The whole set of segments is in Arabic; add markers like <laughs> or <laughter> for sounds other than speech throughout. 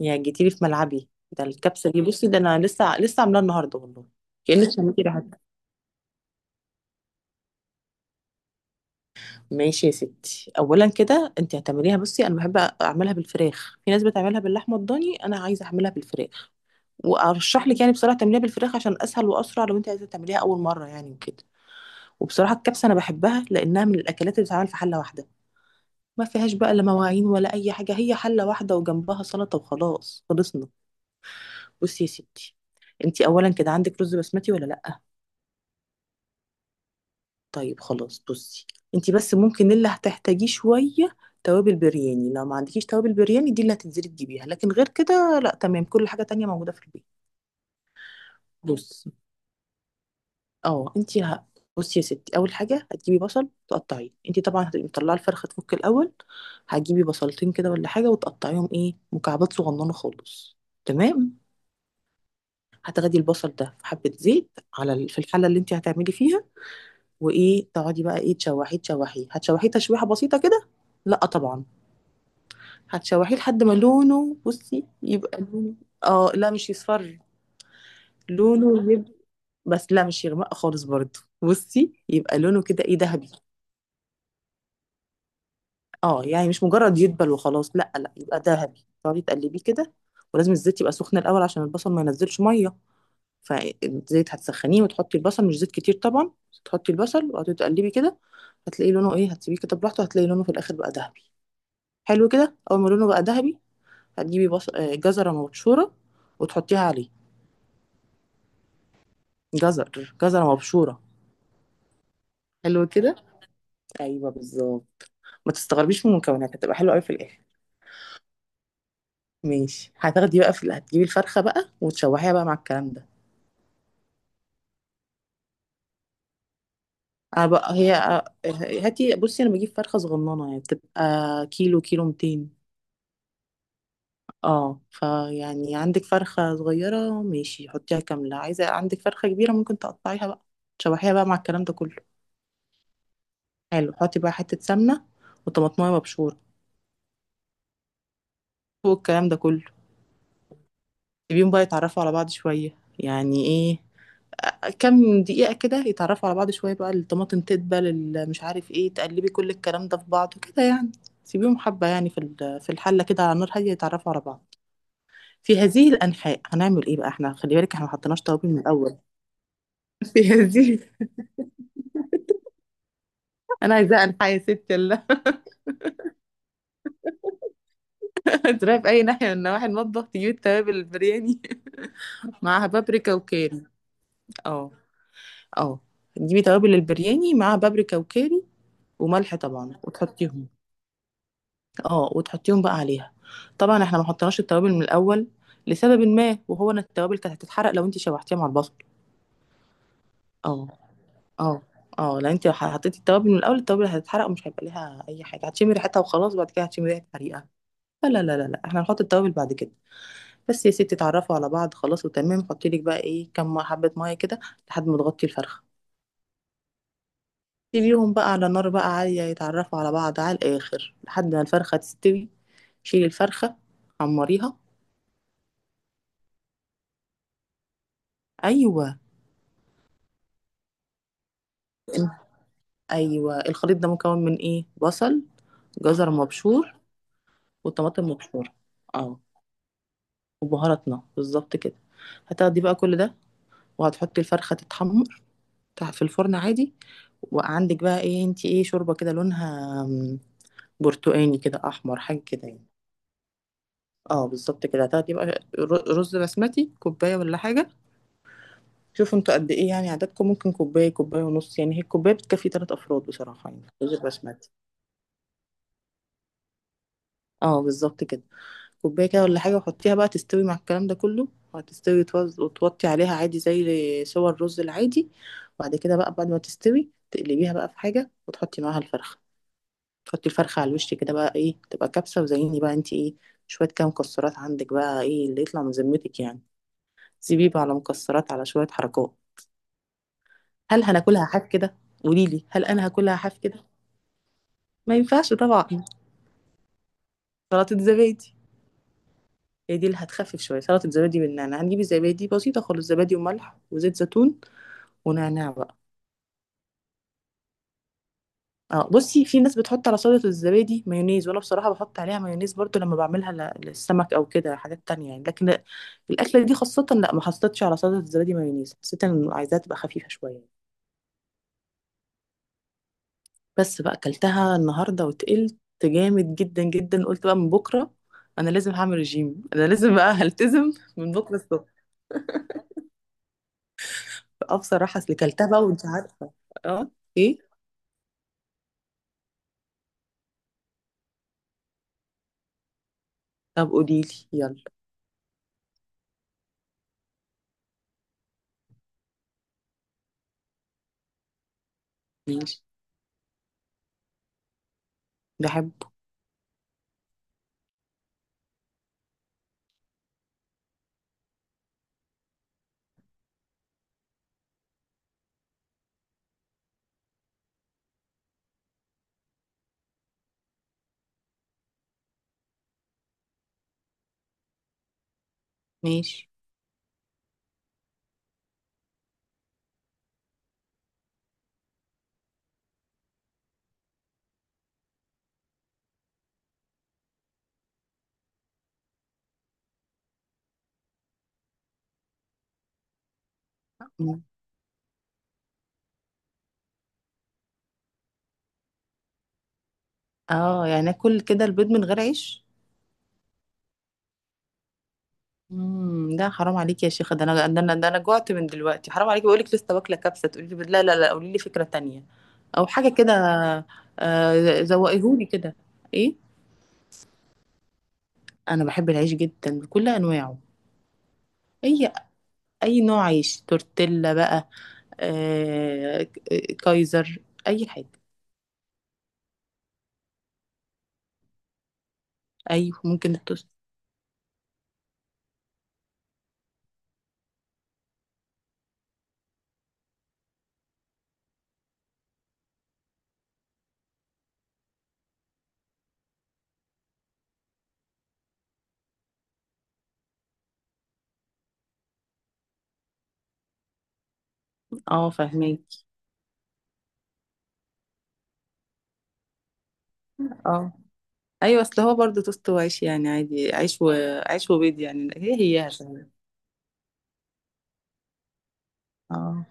يا جيتيلي في ملعبي. ده الكبسة دي، بصي، ده أنا لسه عاملاها النهاردة والله. كأنك سميتي ريحتها. ماشي يا ستي، أولا كده أنت هتعمليها، بصي أنا بحب أعملها بالفراخ، في ناس بتعملها باللحمة الضاني، أنا عايزة أعملها بالفراخ. وأرشح لك يعني بصراحة تعمليها بالفراخ عشان أسهل وأسرع، لو أنت عايزة تعمليها أول مرة يعني وكده. وبصراحة الكبسة أنا بحبها لأنها من الأكلات اللي بتتعمل في حلة واحدة، ما فيهاش بقى لا مواعين ولا أي حاجة، هي حلة واحدة وجنبها سلطة وخلاص خلصنا. بصي يا ستي، أنت أولا كده عندك رز بسمتي ولا لأ؟ طيب خلاص، بصي انتي بس ممكن اللي هتحتاجيه شوية توابل برياني، لو ما عندكيش توابل برياني دي اللي هتنزلي تجيبيها، لكن غير كده لا، تمام، كل حاجة تانية موجودة في البيت. بصي، اه انتي ه... بصي يا ستي، اول حاجة هتجيبي بصل تقطعيه، انتي طبعا هتبقي مطلعة الفرخة تفك الاول. هتجيبي بصلتين كده ولا حاجة وتقطعيهم ايه، مكعبات صغننة خالص. تمام. هتاخدي البصل ده في حبة زيت في الحلة اللي انتي هتعملي فيها، وايه، تقعدي بقى ايه، تشوحيه، تشوحيه، هتشوحيه تشويحة بسيطة كده، لا طبعا. هتشوحيه لحد ما لونه، بصي يبقى لونه، اه لا مش يصفر، لونه يبقى، بس لا مش يغمق خالص برضه، بصي يبقى لونه كده ايه، ذهبي. اه يعني مش مجرد يدبل وخلاص، لا لا، يبقى ذهبي، تقعدي تقلبيه كده. ولازم الزيت يبقى سخن الاول عشان البصل ما ينزلش ميه، فالزيت هتسخنيه وتحطي البصل، مش زيت كتير طبعا، تحطي البصل وقعدي تقلبي كده، هتلاقي لونه ايه، هتسيبيه كده براحته، هتلاقي لونه في الاخر بقى ذهبي. حلو كده، اول ما لونه بقى ذهبي هتجيبي بص... آه، جزره مبشوره وتحطيها عليه. جزر، جزرة مبشورة. حلو كده، ايوه بالظبط. ما تستغربيش من المكونات، هتبقى حلوه قوي في الاخر. ماشي، هتاخدي بقى هتجيبي الفرخه بقى وتشوحيها بقى مع الكلام ده. انا بقى هي، هاتي، بصي انا بجيب فرخه صغننه يعني بتبقى كيلو، كيلو 200. اه فيعني عندك فرخه صغيره ماشي حطيها كامله، عايزه عندك فرخه كبيره ممكن تقطعيها بقى. تشوحيها بقى مع الكلام ده كله. حلو، حطي بقى حته سمنه وطماطمايه مبشوره فوق الكلام ده كله. سيبيهم بقى يتعرفوا على بعض شويه يعني ايه، كام دقيقة كده يتعرفوا على بعض شوية، بقى الطماطم تدبل، ال- مش عارف ايه، تقلبي كل الكلام ده في بعضه كده يعني. سيبيهم حبة يعني في ال-، في الحلة كده على نار هادية يتعرفوا على بعض. في هذه الأنحاء هنعمل ايه بقى احنا، خلي بالك احنا ما حطيناش توابل من الأول. <laughs> في هذه، أنا عايزة أنحاء يا ستي الله. <laughs> تروحي في أي ناحية من نواحي المطبخ تجيبي التوابل البرياني. <laughs> معاها بابريكا وكاري. اه، اه، تجيبي توابل البرياني، معاها بابريكا وكاري وملح طبعا وتحطيهم. اه، وتحطيهم بقى عليها. طبعا احنا ما حطيناش التوابل من الاول لسبب ما، وهو ان التوابل كانت هتتحرق لو انت شوحتيها مع البصل. اه، اه، اه لو انت حطيتي التوابل من الاول التوابل هتتحرق، ومش هيبقى ليها اي حاجه، هتشمي ريحتها وخلاص بعد كده هتشمي ريحه حريقه. لا لا لا لا لا، احنا هنحط التوابل بعد كده. بس يا ستي اتعرفوا على بعض خلاص وتمام، حطي لك بقى ايه، كم حبه ميه كده لحد ما تغطي الفرخه. سيبيهم بقى على نار بقى عاليه يتعرفوا على بعض على الاخر لحد ما الفرخه تستوي. شيلي الفرخه، حمريها. ايوه. ايوه، الخليط ده مكون من ايه، بصل. جزر مبشور. وطماطم مبشوره. اه، وبهاراتنا بالظبط كده. هتاخدي بقى كل ده وهتحطي الفرخه تتحمر، في الفرن عادي. وعندك بقى ايه انتي ايه، شوربه كده لونها برتقاني كده، احمر، حاجه كده يعني. اه بالظبط كده. هتاخدي بقى رز بسمتي كوبايه ولا حاجه، شوفوا انتوا قد ايه يعني عددكم، ممكن كوبايه كوبايه ونص يعني، هي الكوبايه بتكفي ثلاث افراد بصراحه يعني، رز بسمتي. اه بالظبط كده. كوباية كده ولا حاجة، وحطيها بقى تستوي مع الكلام ده كله، وهتستوي وتوطي عليها عادي زي سوى الرز العادي. وبعد كده بقى بعد ما تستوي تقلبيها بقى في حاجة، وتحطي معاها الفرخة، تحطي الفرخة على الوش كده بقى ايه، تبقى كبسة، وزيني بقى انت ايه، شوية كام مكسرات عندك بقى ايه اللي يطلع من ذمتك يعني. سيبيه بقى على مكسرات، على شوية حركات. هل هناكلها حاف كده؟ قوليلي هل انا هاكلها حاف كده؟ ما ينفعش طبعا. سلطة زبادي. هي دي اللي هتخفف شوية، سلطة زبادي بالنعناع، هنجيب الزبادي بسيطة خالص، زبادي وملح وزيت زيتون ونعناع بقى. اه بصي في ناس بتحط على سلطة الزبادي مايونيز، وانا بصراحة بحط عليها مايونيز برضو لما بعملها ل- للسمك او كده حاجات تانية يعني، لكن الاكلة دي خاصة لا ما حطيتش على سلطة الزبادي مايونيز، حسيت ان عايزاها تبقى خفيفة شوية. بس بقى اكلتها النهاردة وتقلت جامد جدا جدا، قلت بقى من بكرة انا لازم هعمل رجيم، انا لازم بقى هلتزم من بكرة الصبح. اه بصراحة اصل كلتها بقى وانت عارفة. اه. ايه؟ طب قوليلي يلا. ماشي. بحبه. ماشي. اه يعني اكل كده البيض من غير عيش؟ ده حرام عليك يا شيخه، ده انا، ده انا، ده انا جوعت من دلوقتي، حرام عليكي، بقول لك لسه واكله كبسه تقولي لي بيض. لا لا لا، قولي لي فكره تانية، او حاجه كده. آه زوقيهولي كده. ايه؟ انا بحب العيش جدا بكل انواعه. اي اي نوع عيش، تورتيلا بقى، آه، كايزر، اي حاجه. ايوه ممكن التوست. اه فاهمين. اه، ايوه، اصل هو برضه توست وعيش يعني، عادي، عيش وعيش وبيض يعني، هي هي فاهمة. اه.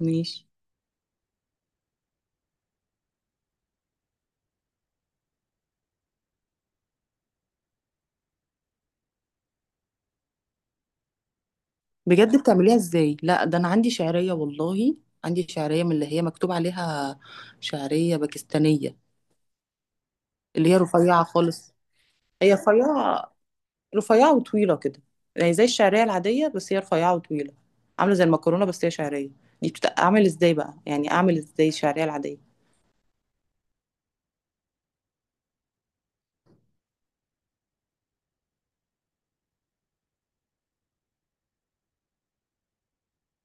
ماشي. بجد بتعمليها ازاي؟ لا ده انا عندي شعرية والله، عندي شعرية من اللي هي مكتوب عليها شعرية باكستانية. اللي هي رفيعة خالص. هي رفيعة. رفيعة وطويلة كده، يعني زي الشعرية العادية بس هي رفيعة وطويلة. عاملة زي المكرونة بس هي شعرية. دي اعمل ازاي بقى يعني، اعمل ازاي الشعرية العادية؟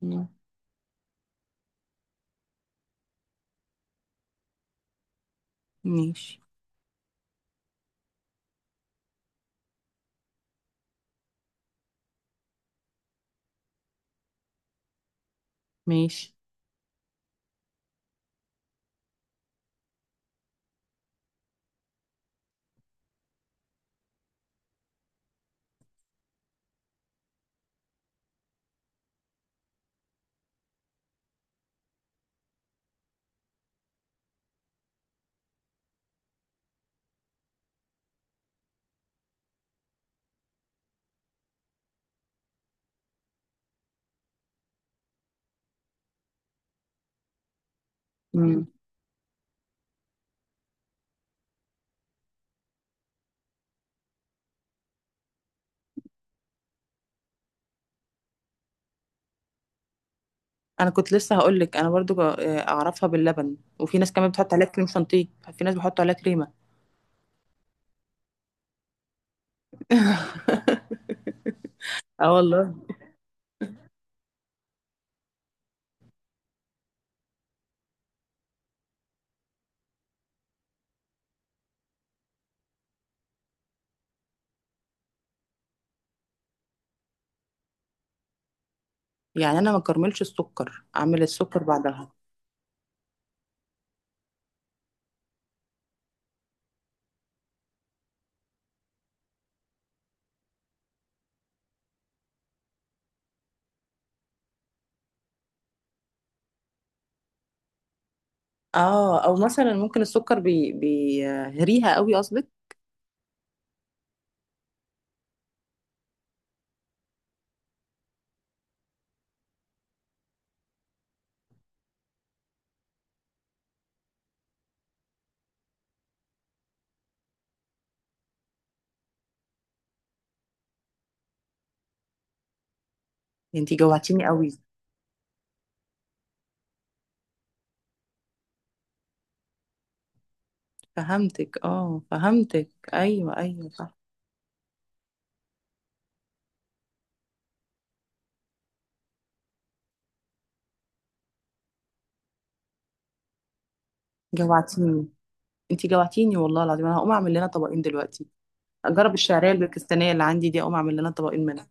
مم. ماشي. ماشي. مم. انا كنت لسه هقول لك انا برضو، اعرفها باللبن، وفي ناس كمان بتحط عليها كريم شانتيه. في ناس بيحطوا عليها كريمة. اه والله. يعني انا ما اكرملش السكر، اعمل السكر بعدها. اه او مثلا ممكن السكر بيهريها قوي قصدك. انتي جوعتيني قوي. فهمتك، اه فهمتك، ايوه ايوه صح. جوعتيني. انتي جوعتيني والله العظيم، انا هقوم اعمل لنا طبقين دلوقتي. اجرب الشعريه الباكستانيه اللي عندي دي، اقوم اعمل لنا طبقين منها.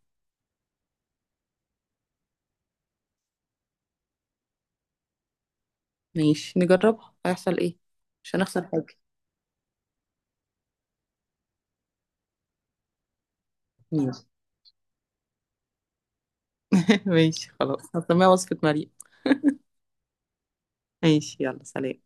ماشي نجربها هيحصل ايه، مش هنخسر حاجه. ماشي. <laughs> ماشي خلاص هسميها وصفه مريم. ماشي، يلا سلام.